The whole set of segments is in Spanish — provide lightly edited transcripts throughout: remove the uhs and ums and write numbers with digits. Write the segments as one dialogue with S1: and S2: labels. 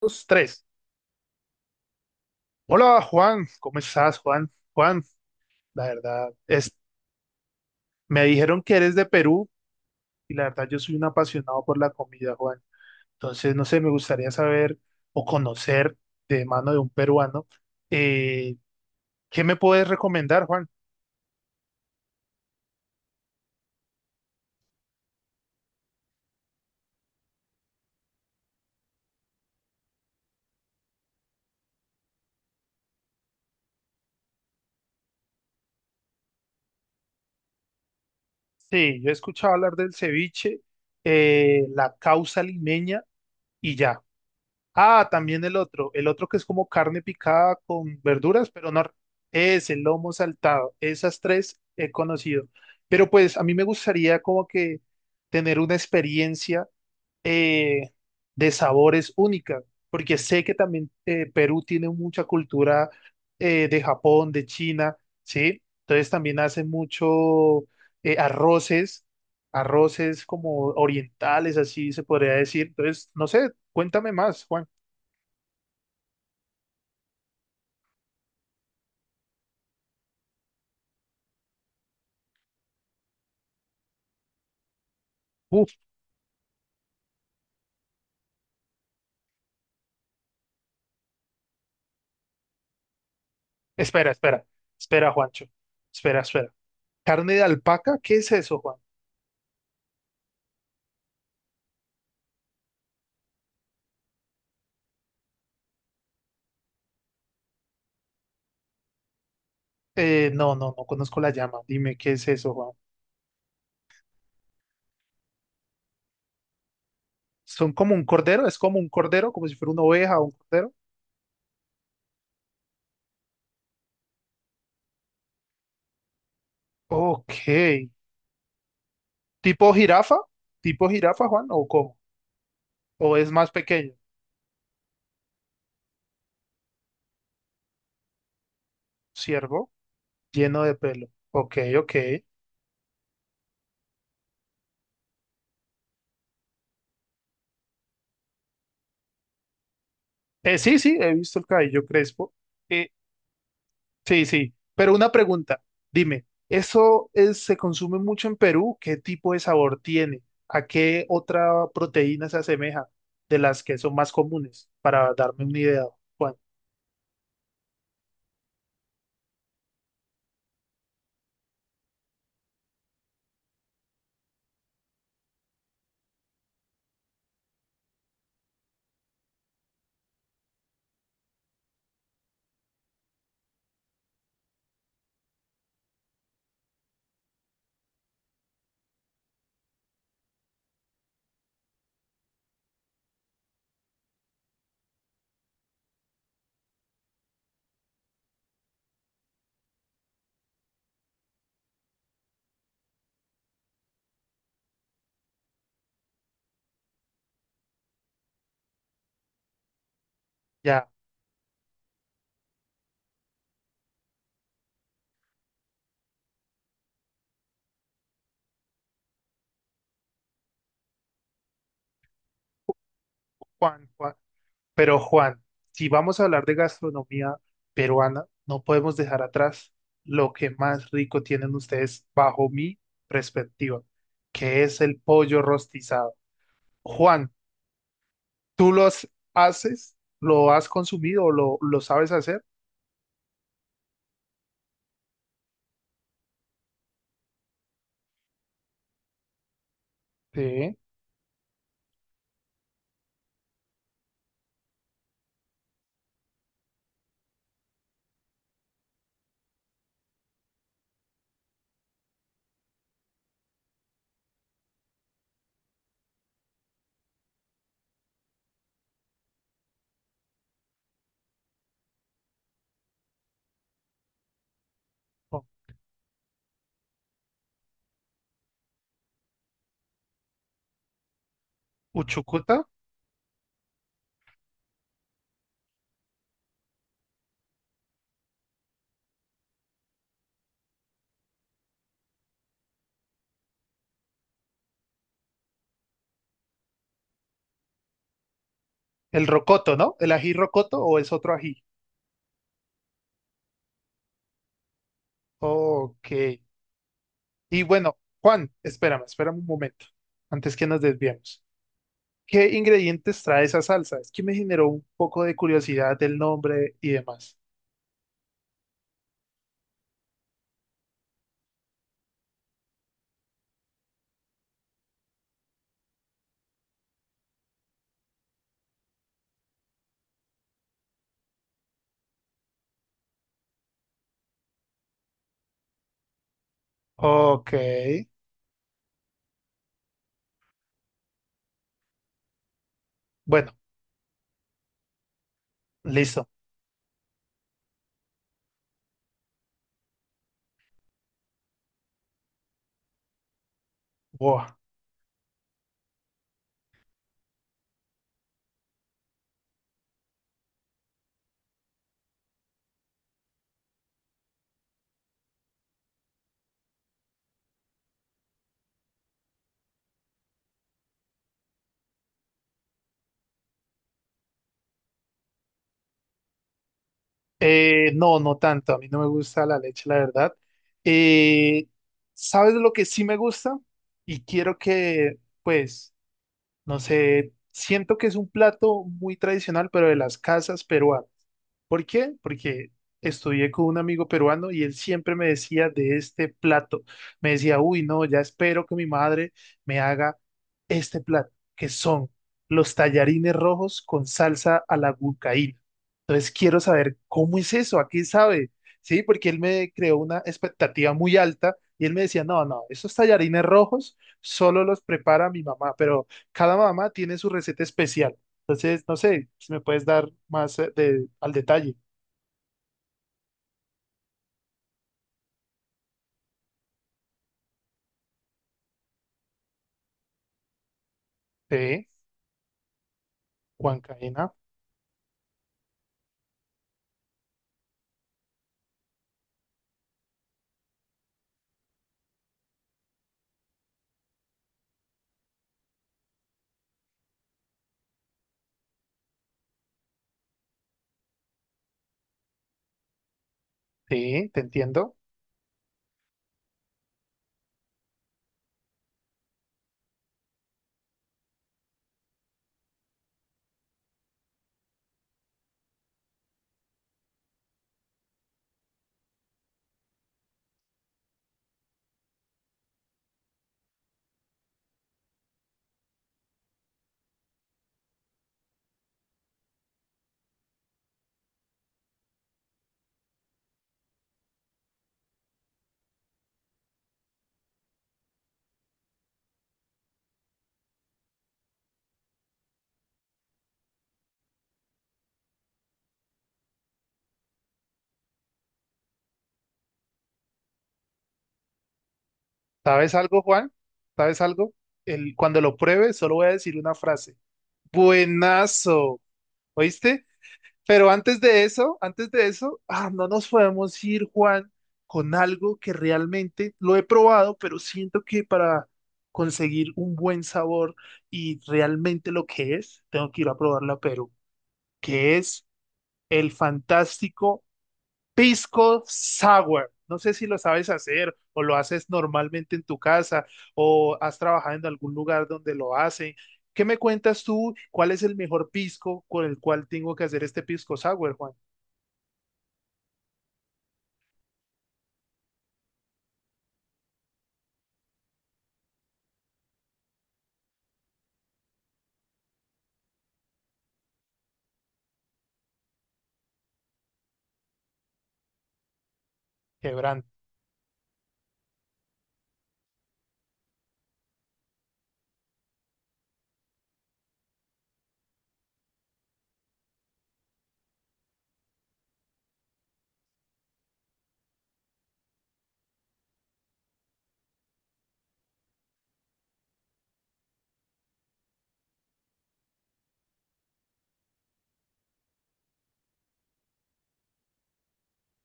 S1: Dos, tres. Hola, Juan. ¿Cómo estás, Juan? Juan, la verdad, es, me dijeron que eres de Perú y la verdad yo soy un apasionado por la comida, Juan. Entonces, no sé, me gustaría saber o conocer de mano de un peruano, eh, ¿qué me puedes recomendar, Juan? Sí, yo he escuchado hablar del ceviche, la causa limeña y ya. Ah, también el otro que es como carne picada con verduras, pero no, es el lomo saltado, esas tres he conocido. Pero pues a mí me gustaría como que tener una experiencia eh, de sabores única, porque sé que también Perú tiene mucha cultura de Japón, de China, ¿sí? Entonces también hacen mucho arroces, arroces como orientales, así se podría decir. Entonces, no sé, cuéntame más, Juan. Uf, espera, espera, espera, Juancho. Espera, espera. ¿Carne de alpaca? ¿Qué es eso, Juan? No, no, no conozco la llama. Dime, ¿qué es eso, Juan? ¿Son como un cordero? ¿Es como un cordero? ¿Como si fuera una oveja o un cordero? Ok. ¿Tipo jirafa? ¿Tipo jirafa, Juan? ¿O cómo? ¿O es más pequeño? Ciervo, lleno de pelo. Ok, ok. Sí, sí, he visto el cabello crespo. Eh, Sí, sí, pero una pregunta, dime, ¿eso es- se consume mucho en Perú? ¿Qué tipo de sabor tiene? ¿A qué otra proteína se asemeja de las que son más comunes? Para darme una idea, Juan, ya, Juan, Juan. Pero Juan, si vamos a hablar de gastronomía peruana, no podemos dejar atrás lo que más rico tienen ustedes bajo mi perspectiva, que es el pollo rostizado. Juan, ¿tú los haces? ¿Lo has consumido o lo sabes hacer? Sí. O- Uchucuta, el rocoto, ¿no? ¿El ají rocoto o es otro ají? Ok. Y bueno, Juan, espérame, espérame un momento, antes que nos desviemos. ¿Qué ingredientes trae esa salsa? Es que me generó un poco de curiosidad el nombre y demás. Ok. Bueno, listo. Wow. No, no tanto. A mí no me gusta la leche, la verdad. Eh, ¿Sabes lo que sí me gusta? Y quiero que, pues, no sé, siento que es un plato muy tradicional, pero de las casas peruanas. ¿Por qué? Porque estudié con un amigo peruano y él siempre me decía de este plato. Me decía, uy, no, ya espero que mi madre me haga este plato, que son los tallarines rojos con salsa a la huancaína. Entonces quiero saber cómo es eso, a qué sabe, ¿sí? Porque él me creó una expectativa muy alta y él me decía, no, no, esos tallarines rojos solo los prepara mi mamá, pero cada mamá tiene su receta especial. Entonces, no sé si me puedes dar más de, al detalle. Sí, Juancaína. Sí, te entiendo. ¿Sabes algo, Juan? ¿Sabes algo? El, cuando lo pruebe, solo voy a decir una frase. Buenazo, ¿oíste? Pero antes de eso, ah, no nos podemos ir, Juan, con algo que realmente lo he probado, pero siento que para conseguir un buen sabor y realmente lo que es, tengo que ir a probarla a Perú. Que es el fantástico pisco sour. No sé si lo sabes hacer o lo haces normalmente en tu casa o has trabajado en algún lugar donde lo hacen. ¿Qué me cuentas tú? ¿Cuál es el mejor pisco con el cual tengo que hacer este pisco sour, Juan? Quebrante.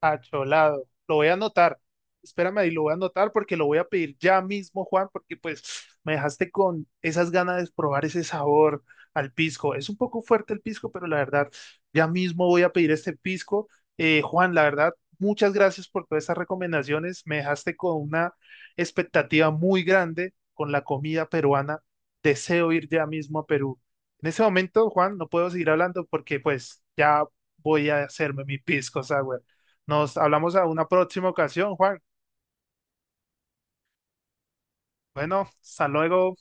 S1: Acholado. Lo voy a anotar. Espérame ahí, lo voy a anotar porque lo voy a pedir ya mismo, Juan, porque pues me dejaste con esas ganas de probar ese sabor al pisco. Es un poco fuerte el pisco, pero la verdad, ya mismo voy a pedir este pisco. Juan, la verdad, muchas gracias por todas esas recomendaciones. Me dejaste con una expectativa muy grande con la comida peruana. Deseo ir ya mismo a Perú. En ese momento, Juan, no puedo seguir hablando porque pues ya voy a hacerme mi pisco sour. Nos hablamos a una próxima ocasión, Juan. Bueno, hasta luego.